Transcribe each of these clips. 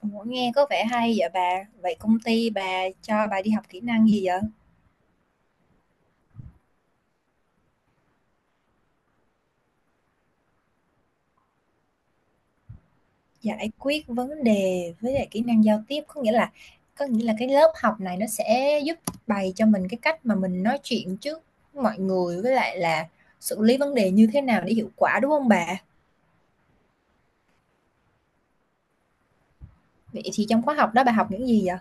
Ủa, nghe có vẻ hay vậy bà. Vậy công ty bà cho bà đi học kỹ năng gì vậy? Giải quyết vấn đề với lại kỹ năng giao tiếp có nghĩa là cái lớp học này nó sẽ giúp bày cho mình cái cách mà mình nói chuyện trước mọi người với lại là xử lý vấn đề như thế nào để hiệu quả đúng không bà? Vậy thì trong khóa học đó bà học những gì vậy?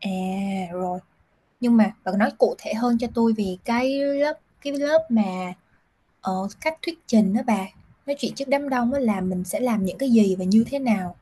À, rồi. Nhưng mà bạn nói cụ thể hơn cho tôi về cái lớp mà, ờ, cách thuyết trình đó bà, nói chuyện trước đám đông á là mình sẽ làm những cái gì và như thế nào?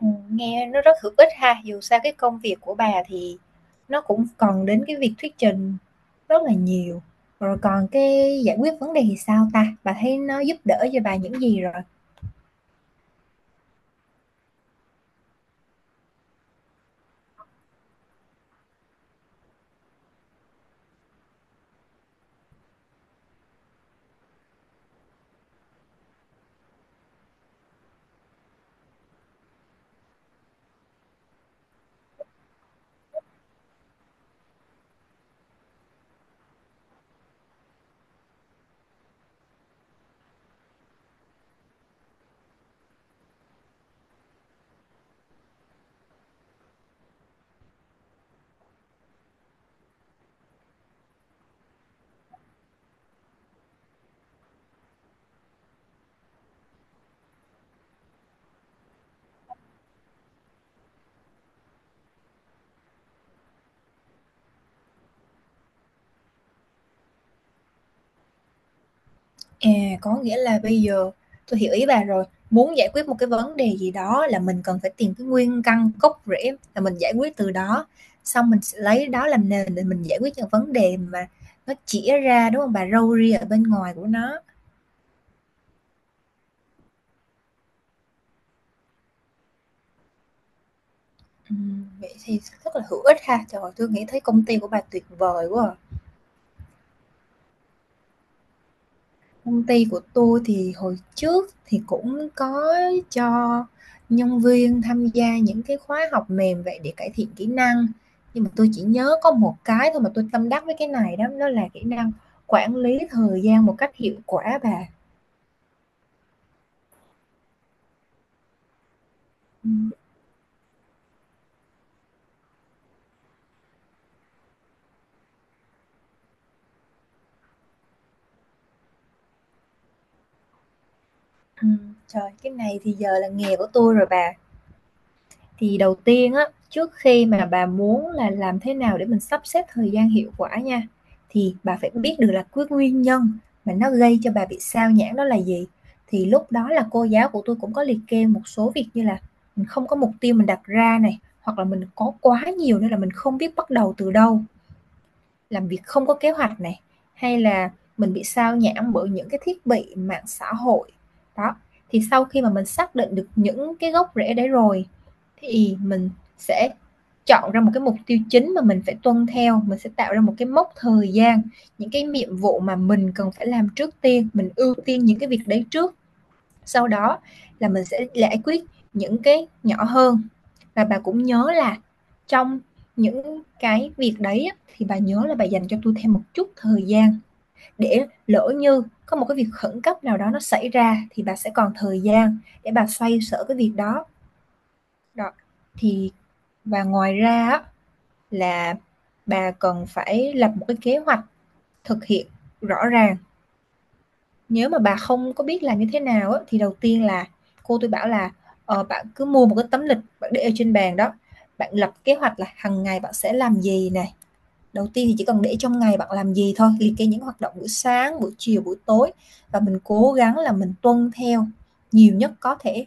Nghe nó rất hữu ích ha, dù sao cái công việc của bà thì nó cũng cần đến cái việc thuyết trình rất là nhiều. Rồi còn cái giải quyết vấn đề thì sao ta? Bà thấy nó giúp đỡ cho bà những gì rồi? À, có nghĩa là bây giờ tôi hiểu ý bà rồi. Muốn giải quyết một cái vấn đề gì đó là mình cần phải tìm cái nguyên căn gốc rễ là mình giải quyết từ đó, xong mình sẽ lấy đó làm nền để mình giải quyết những vấn đề mà nó chĩa ra, đúng không bà? Râu ria ở bên ngoài của nó. Vậy thì rất là hữu ích ha. Trời ơi, tôi nghĩ thấy công ty của bà tuyệt vời quá à. Công ty của tôi thì hồi trước thì cũng có cho nhân viên tham gia những cái khóa học mềm vậy để cải thiện kỹ năng, nhưng mà tôi chỉ nhớ có một cái thôi mà tôi tâm đắc với cái này đó đó là kỹ năng quản lý thời gian một cách hiệu quả bà. Ừ, ừ, trời cái này thì giờ là nghề của tôi rồi bà. Thì đầu tiên á, trước khi mà bà muốn là làm thế nào để mình sắp xếp thời gian hiệu quả nha, thì bà phải biết được là cái nguyên nhân mà nó gây cho bà bị sao nhãng đó là gì. Thì lúc đó là cô giáo của tôi cũng có liệt kê một số việc như là mình không có mục tiêu mình đặt ra này, hoặc là mình có quá nhiều nên là mình không biết bắt đầu từ đâu, làm việc không có kế hoạch này, hay là mình bị sao nhãng bởi những cái thiết bị mạng xã hội đó. Thì sau khi mà mình xác định được những cái gốc rễ đấy rồi thì mình sẽ chọn ra một cái mục tiêu chính mà mình phải tuân theo, mình sẽ tạo ra một cái mốc thời gian, những cái nhiệm vụ mà mình cần phải làm trước tiên mình ưu tiên những cái việc đấy trước, sau đó là mình sẽ giải quyết những cái nhỏ hơn. Và bà cũng nhớ là trong những cái việc đấy thì bà nhớ là bà dành cho tôi thêm một chút thời gian để lỡ như có một cái việc khẩn cấp nào đó nó xảy ra thì bà sẽ còn thời gian để bà xoay sở cái việc đó. Đó. Thì và ngoài ra là bà cần phải lập một cái kế hoạch thực hiện rõ ràng. Nếu mà bà không có biết làm như thế nào á, thì đầu tiên là cô tôi bảo là, bạn cứ mua một cái tấm lịch bạn để ở trên bàn đó, bạn lập kế hoạch là hằng ngày bạn sẽ làm gì này. Đầu tiên thì chỉ cần để trong ngày bạn làm gì thôi, liệt kê những hoạt động buổi sáng, buổi chiều, buổi tối, và mình cố gắng là mình tuân theo nhiều nhất có thể.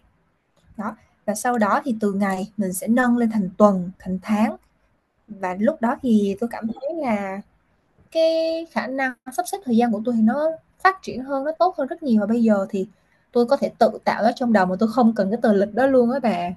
Đó, và sau đó thì từ ngày mình sẽ nâng lên thành tuần, thành tháng, và lúc đó thì tôi cảm thấy là cái khả năng sắp xếp thời gian của tôi thì nó phát triển hơn, nó tốt hơn rất nhiều, và bây giờ thì tôi có thể tự tạo nó trong đầu mà tôi không cần cái tờ lịch đó luôn á bà.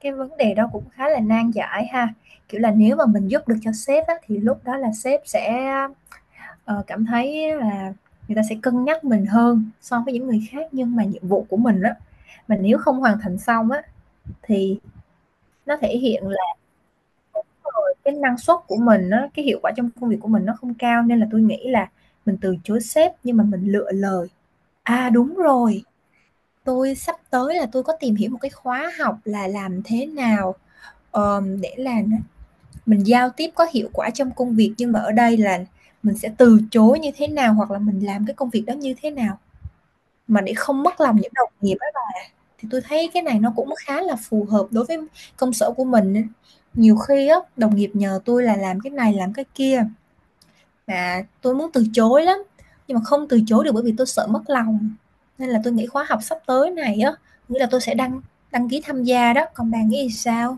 Cái vấn đề đó cũng khá là nan giải ha. Kiểu là nếu mà mình giúp được cho sếp á, thì lúc đó là sếp sẽ cảm thấy là người ta sẽ cân nhắc mình hơn so với những người khác, nhưng mà nhiệm vụ của mình á, mà nếu không hoàn thành xong á thì nó thể hiện rồi cái năng suất của mình á, cái hiệu quả trong công việc của mình nó không cao, nên là tôi nghĩ là mình từ chối sếp nhưng mà mình lựa lời. À, đúng rồi, tôi sắp tới là tôi có tìm hiểu một cái khóa học là làm thế nào, để là mình giao tiếp có hiệu quả trong công việc, nhưng mà ở đây là mình sẽ từ chối như thế nào hoặc là mình làm cái công việc đó như thế nào mà để không mất lòng những đồng nghiệp á. Thì tôi thấy cái này nó cũng khá là phù hợp đối với công sở của mình á. Nhiều khi á, đồng nghiệp nhờ tôi là làm cái này làm cái kia. Và tôi muốn từ chối lắm, nhưng mà không từ chối được bởi vì tôi sợ mất lòng. Nên là tôi nghĩ khóa học sắp tới này á, nghĩa là tôi sẽ đăng đăng ký tham gia đó, còn bạn nghĩ sao?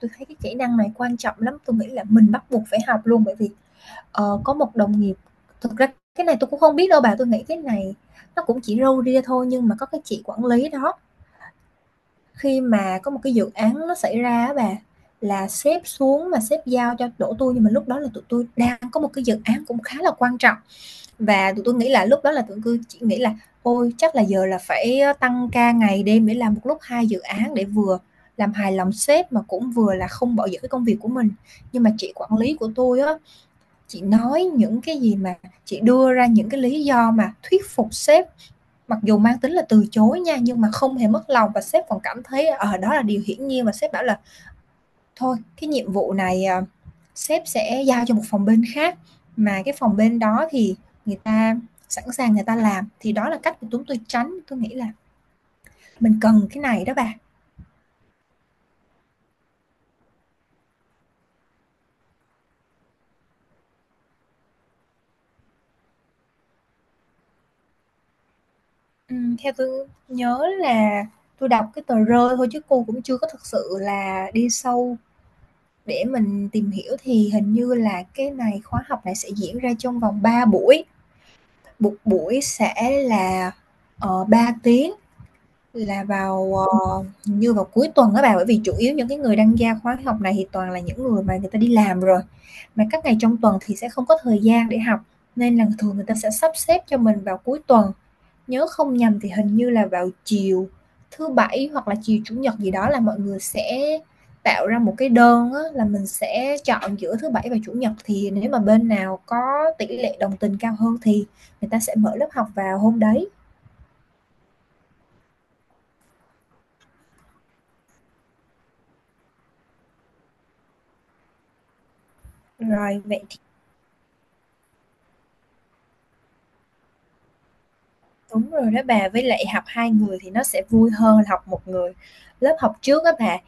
Tôi thấy cái kỹ năng này quan trọng lắm, tôi nghĩ là mình bắt buộc phải học luôn bởi vì có một đồng nghiệp, thực ra cái này tôi cũng không biết đâu bà, tôi nghĩ cái này nó cũng chỉ râu ria thôi, nhưng mà có cái chị quản lý đó, khi mà có một cái dự án nó xảy ra á bà, là sếp xuống mà sếp giao cho đổ tôi, nhưng mà lúc đó là tụi tôi đang có một cái dự án cũng khá là quan trọng. Và tụi tui nghĩ là lúc đó là tụi tui chỉ nghĩ là "Ôi, chắc là giờ là phải tăng ca ngày đêm để làm một lúc 2 dự án để vừa làm hài lòng sếp mà cũng vừa là không bỏ dở cái công việc của mình." Nhưng mà chị quản lý của tôi á, chị nói những cái gì mà chị đưa ra những cái lý do mà thuyết phục sếp, mặc dù mang tính là từ chối nha, nhưng mà không hề mất lòng, và sếp còn cảm thấy ở đó là điều hiển nhiên, và sếp bảo là thôi cái nhiệm vụ này à, sếp sẽ giao cho một phòng bên khác, mà cái phòng bên đó thì người ta sẵn sàng người ta làm. Thì đó là cách của chúng tôi tránh, tôi nghĩ là mình cần cái này đó bà. Ừ, theo tôi nhớ là tôi đọc cái tờ rơi thôi chứ cô cũng chưa có thực sự là đi sâu để mình tìm hiểu, thì hình như là cái này khóa học này sẽ diễn ra trong vòng 3 buổi, một buổi sẽ là ba tiếng. Là vào, hình như vào cuối tuần á bạn, bởi vì chủ yếu những cái người đăng gia khóa học này thì toàn là những người mà người ta đi làm rồi, mà các ngày trong tuần thì sẽ không có thời gian để học, nên là thường người ta sẽ sắp xếp cho mình vào cuối tuần. Nhớ không nhầm thì hình như là vào chiều thứ Bảy hoặc là chiều Chủ nhật gì đó là mọi người sẽ tạo ra một cái đơn á, là mình sẽ chọn giữa thứ Bảy và Chủ nhật, thì nếu mà bên nào có tỷ lệ đồng tình cao hơn thì người ta sẽ mở lớp học vào hôm đấy. Rồi, vậy. Đúng rồi đó bà, với lại học 2 người thì nó sẽ vui hơn học một người. Lớp học trước đó bà,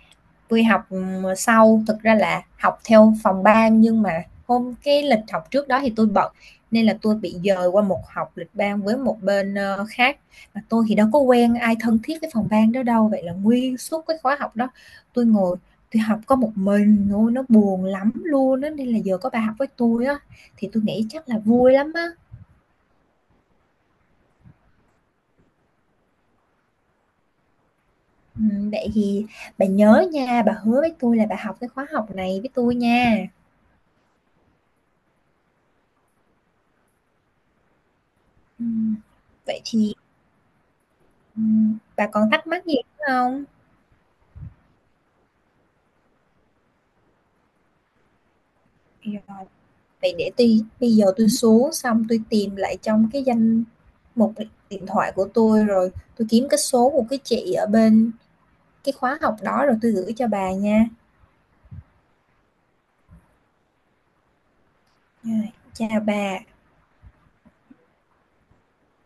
tôi học thực ra là học theo phòng ban, nhưng mà hôm cái lịch học trước đó thì tôi bận nên là tôi bị dời qua một học lịch ban với một bên khác. Mà tôi thì đâu có quen ai thân thiết với phòng ban đó đâu, vậy là nguyên suốt cái khóa học đó tôi ngồi tôi học có một mình thôi, nó buồn lắm luôn á, nên là giờ có bà học với tôi á thì tôi nghĩ chắc là vui lắm á. Vậy thì bà nhớ nha, bà hứa với tôi là bà học cái khóa học này với tôi nha. Ừm, Vậy thì bà còn thắc mắc gì nữa không? Rồi, vậy để tôi bây giờ tôi xuống xong tôi tìm lại trong cái danh mục điện thoại của tôi rồi tôi kiếm cái số của cái chị ở bên cái khóa học đó rồi tôi gửi cho bà nha. Rồi, chào bà.